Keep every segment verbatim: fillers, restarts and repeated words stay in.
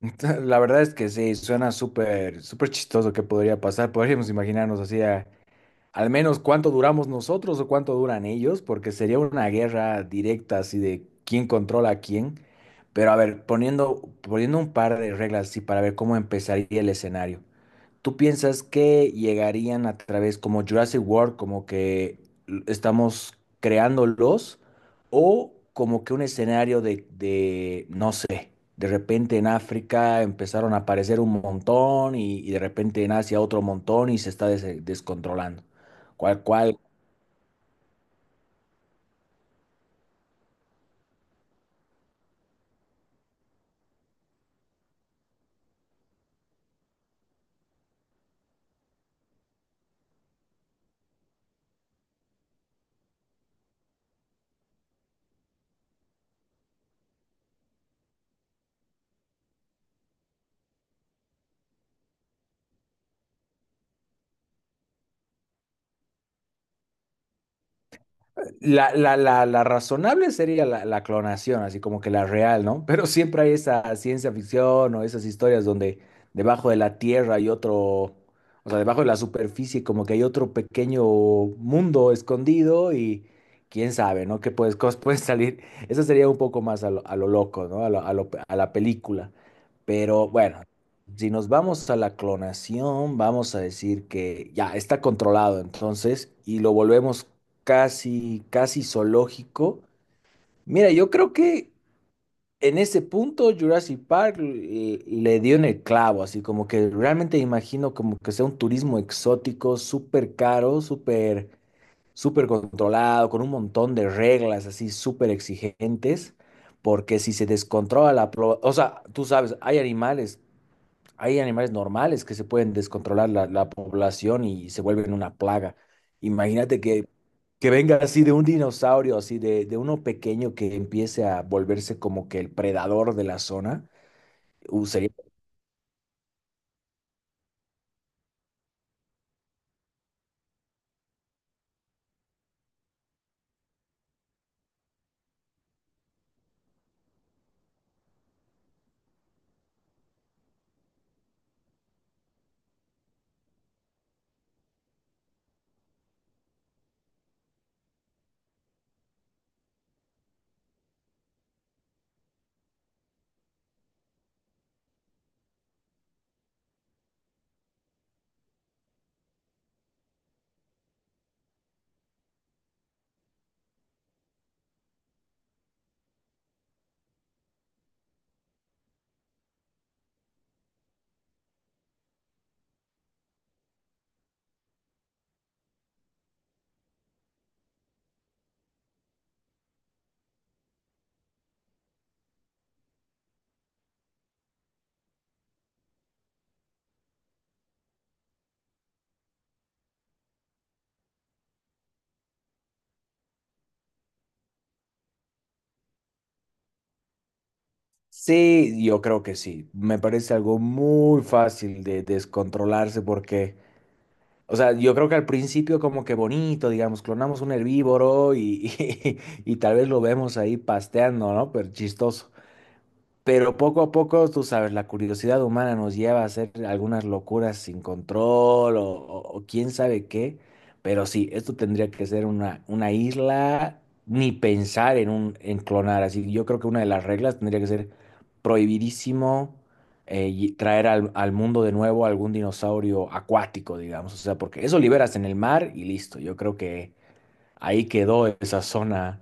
La verdad es que sí, suena súper, súper chistoso que podría pasar. Podríamos imaginarnos así, a- al menos cuánto duramos nosotros o cuánto duran ellos, porque sería una guerra directa así de quién controla a quién. Pero a ver, poniendo, poniendo un par de reglas así para ver cómo empezaría el escenario. ¿Tú piensas que llegarían a través como Jurassic World, como que l- estamos creándolos, o como que un escenario de, de, no sé, de repente en África empezaron a aparecer un montón y, y de repente en Asia otro montón y se está des- descontrolando? ¿Cuál, cuál La, la, la, la razonable sería la, la clonación, así como que la real, ¿no? Pero siempre hay esa ciencia ficción o esas historias donde debajo de la tierra hay otro, o sea, debajo de la superficie como que hay otro pequeño mundo escondido y quién sabe, ¿no? ¿Qué puedes, cosas pueden salir? Eso sería un poco más a lo, a lo loco, ¿no? A lo- a lo- a la película. Pero bueno, si nos vamos a la clonación, vamos a decir que ya está controlado entonces y lo volvemos casi, casi zoológico. Mira, yo creo que en ese punto Jurassic Park eh, le dio en el clavo, así como que realmente imagino como que sea un turismo exótico, súper caro, súper, súper controlado, con un montón de reglas así súper exigentes, porque si se descontrola la... pro- O sea, tú sabes, hay animales hay animales normales que se pueden descontrolar la, la población y se vuelven una plaga. Imagínate que, que venga así de un dinosaurio, así de, de uno pequeño que empiece a volverse como que el predador de la zona. Uh, sería- Sí, yo creo que sí. Me parece algo muy fácil de descontrolarse porque, o sea, yo creo que al principio como que bonito, digamos, clonamos un herbívoro y, y, tal vez lo vemos ahí pasteando, ¿no? Pero chistoso. Pero poco a poco, tú sabes, la curiosidad humana nos lleva a hacer algunas locuras sin control o, o- o quién sabe qué. Pero sí, esto tendría que ser una, una isla, ni pensar en un, en clonar. Así yo creo que una de las reglas tendría que ser prohibidísimo eh, y traer al, al mundo de nuevo algún dinosaurio acuático, digamos. O sea, porque eso liberas en el mar y listo. Yo creo que ahí quedó esa zona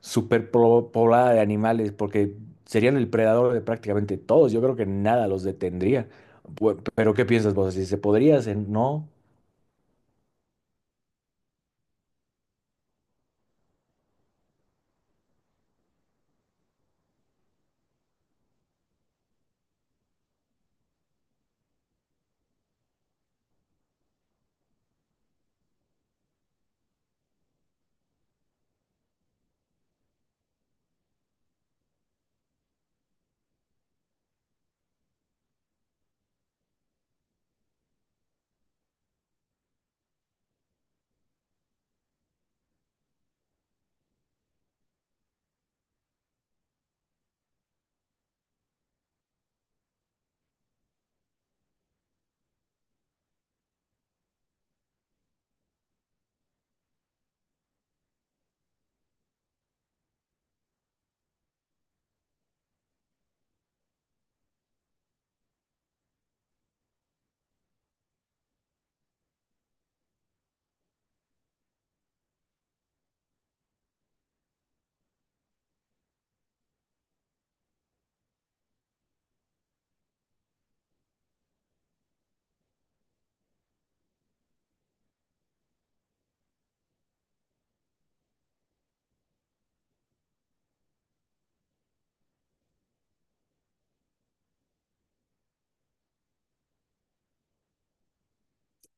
súper pro- poblada de animales, porque serían el predador de prácticamente todos. Yo creo que nada los detendría. Bu- Pero ¿qué piensas vos? Si se podría hacer, no.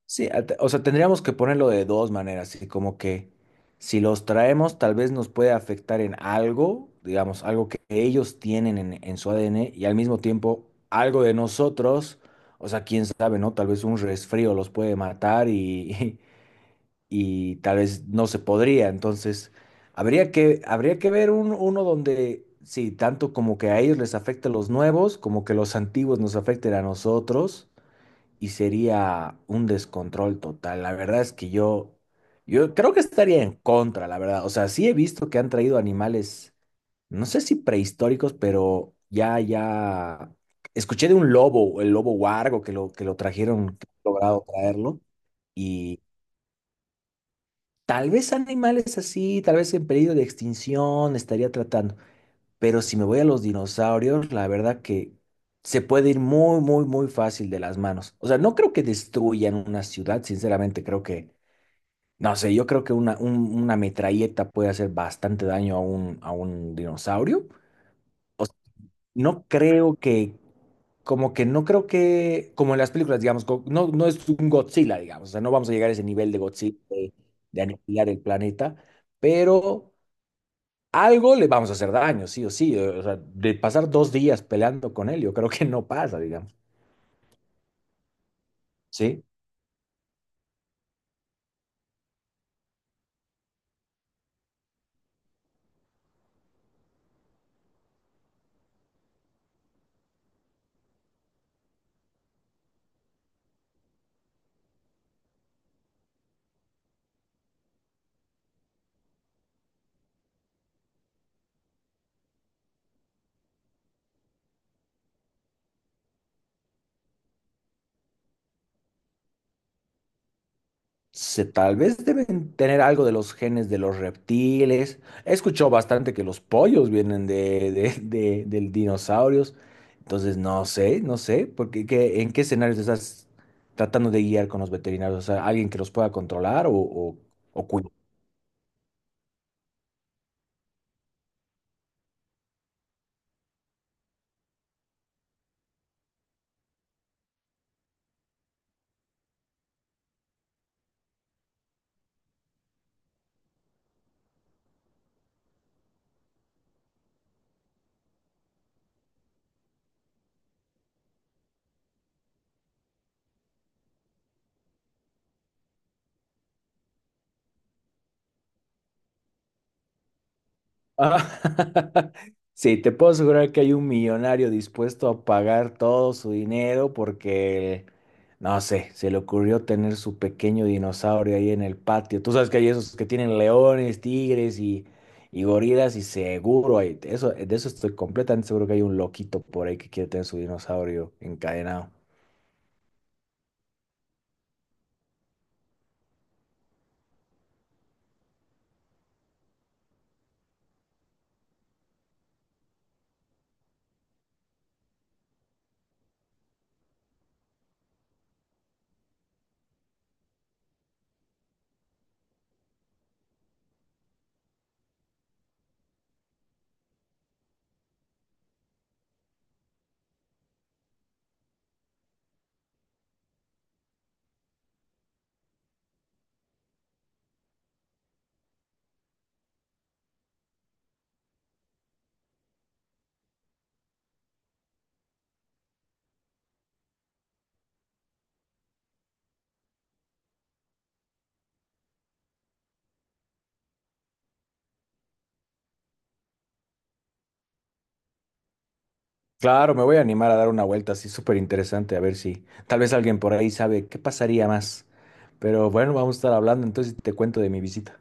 Sí, a- te- o sea, tendríamos que ponerlo de dos maneras, así como que si los traemos, tal vez nos puede afectar en algo, digamos, algo que ellos tienen en, en su A D N y al mismo tiempo algo de nosotros. O sea, quién sabe, ¿no? Tal vez un resfrío los puede matar y, y tal vez no se podría. Entonces, habría que, habría que ver un- uno donde, sí, tanto como que a ellos les afecte los nuevos, como que los antiguos nos afecten a nosotros, y sería un descontrol total. La verdad es que yo, yo creo que estaría en contra, la verdad. O sea, sí he visto que han traído animales, no sé si prehistóricos, pero ya, ya. Escuché de un lobo, el lobo huargo, que lo, que lo trajeron, que han logrado traerlo. Tal vez animales así, tal vez en peligro de extinción estaría tratando. Pero si me voy a los dinosaurios, la verdad que se puede ir muy, muy, muy fácil de las manos. O sea, no creo que destruyan una ciudad, sinceramente, creo que, no sé, yo creo que una, un- una metralleta puede hacer bastante daño a un, a un dinosaurio. No creo que, como que No creo que, como en las películas, digamos, go- no, no es un Godzilla, digamos, o sea, no vamos a llegar a ese nivel de Godzilla de, de aniquilar el planeta, pero algo le vamos a hacer daño, sí o sí. O sea, de pasar dos días peleando con él, yo creo que no pasa, digamos, ¿sí? Se, tal vez deben tener algo de los genes de los reptiles. He escuchado bastante que los pollos vienen de, de, de, de dinosaurios. Entonces, no sé, no sé, porque ¿qué- en qué escenarios estás tratando de guiar con los veterinarios? O sea, alguien que los pueda controlar o, o, o cuidar. Ah, Sí, te puedo asegurar que hay un millonario dispuesto a pagar todo su dinero porque, no sé, se le ocurrió tener su pequeño dinosaurio ahí en el patio. Tú sabes que hay esos que tienen leones, tigres y, y gorilas y seguro hay, eso, de eso estoy completamente seguro que hay un loquito por ahí que quiere tener su dinosaurio encadenado. Claro, me voy a animar a dar una vuelta así súper interesante, a ver si tal vez alguien por ahí sabe qué pasaría más. Pero bueno, vamos a estar hablando, entonces te cuento de mi visita.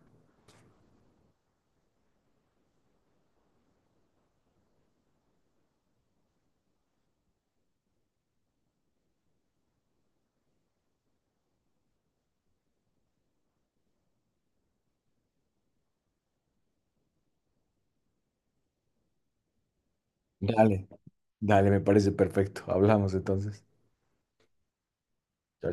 Dale, dale, me parece perfecto. Hablamos entonces. Chao,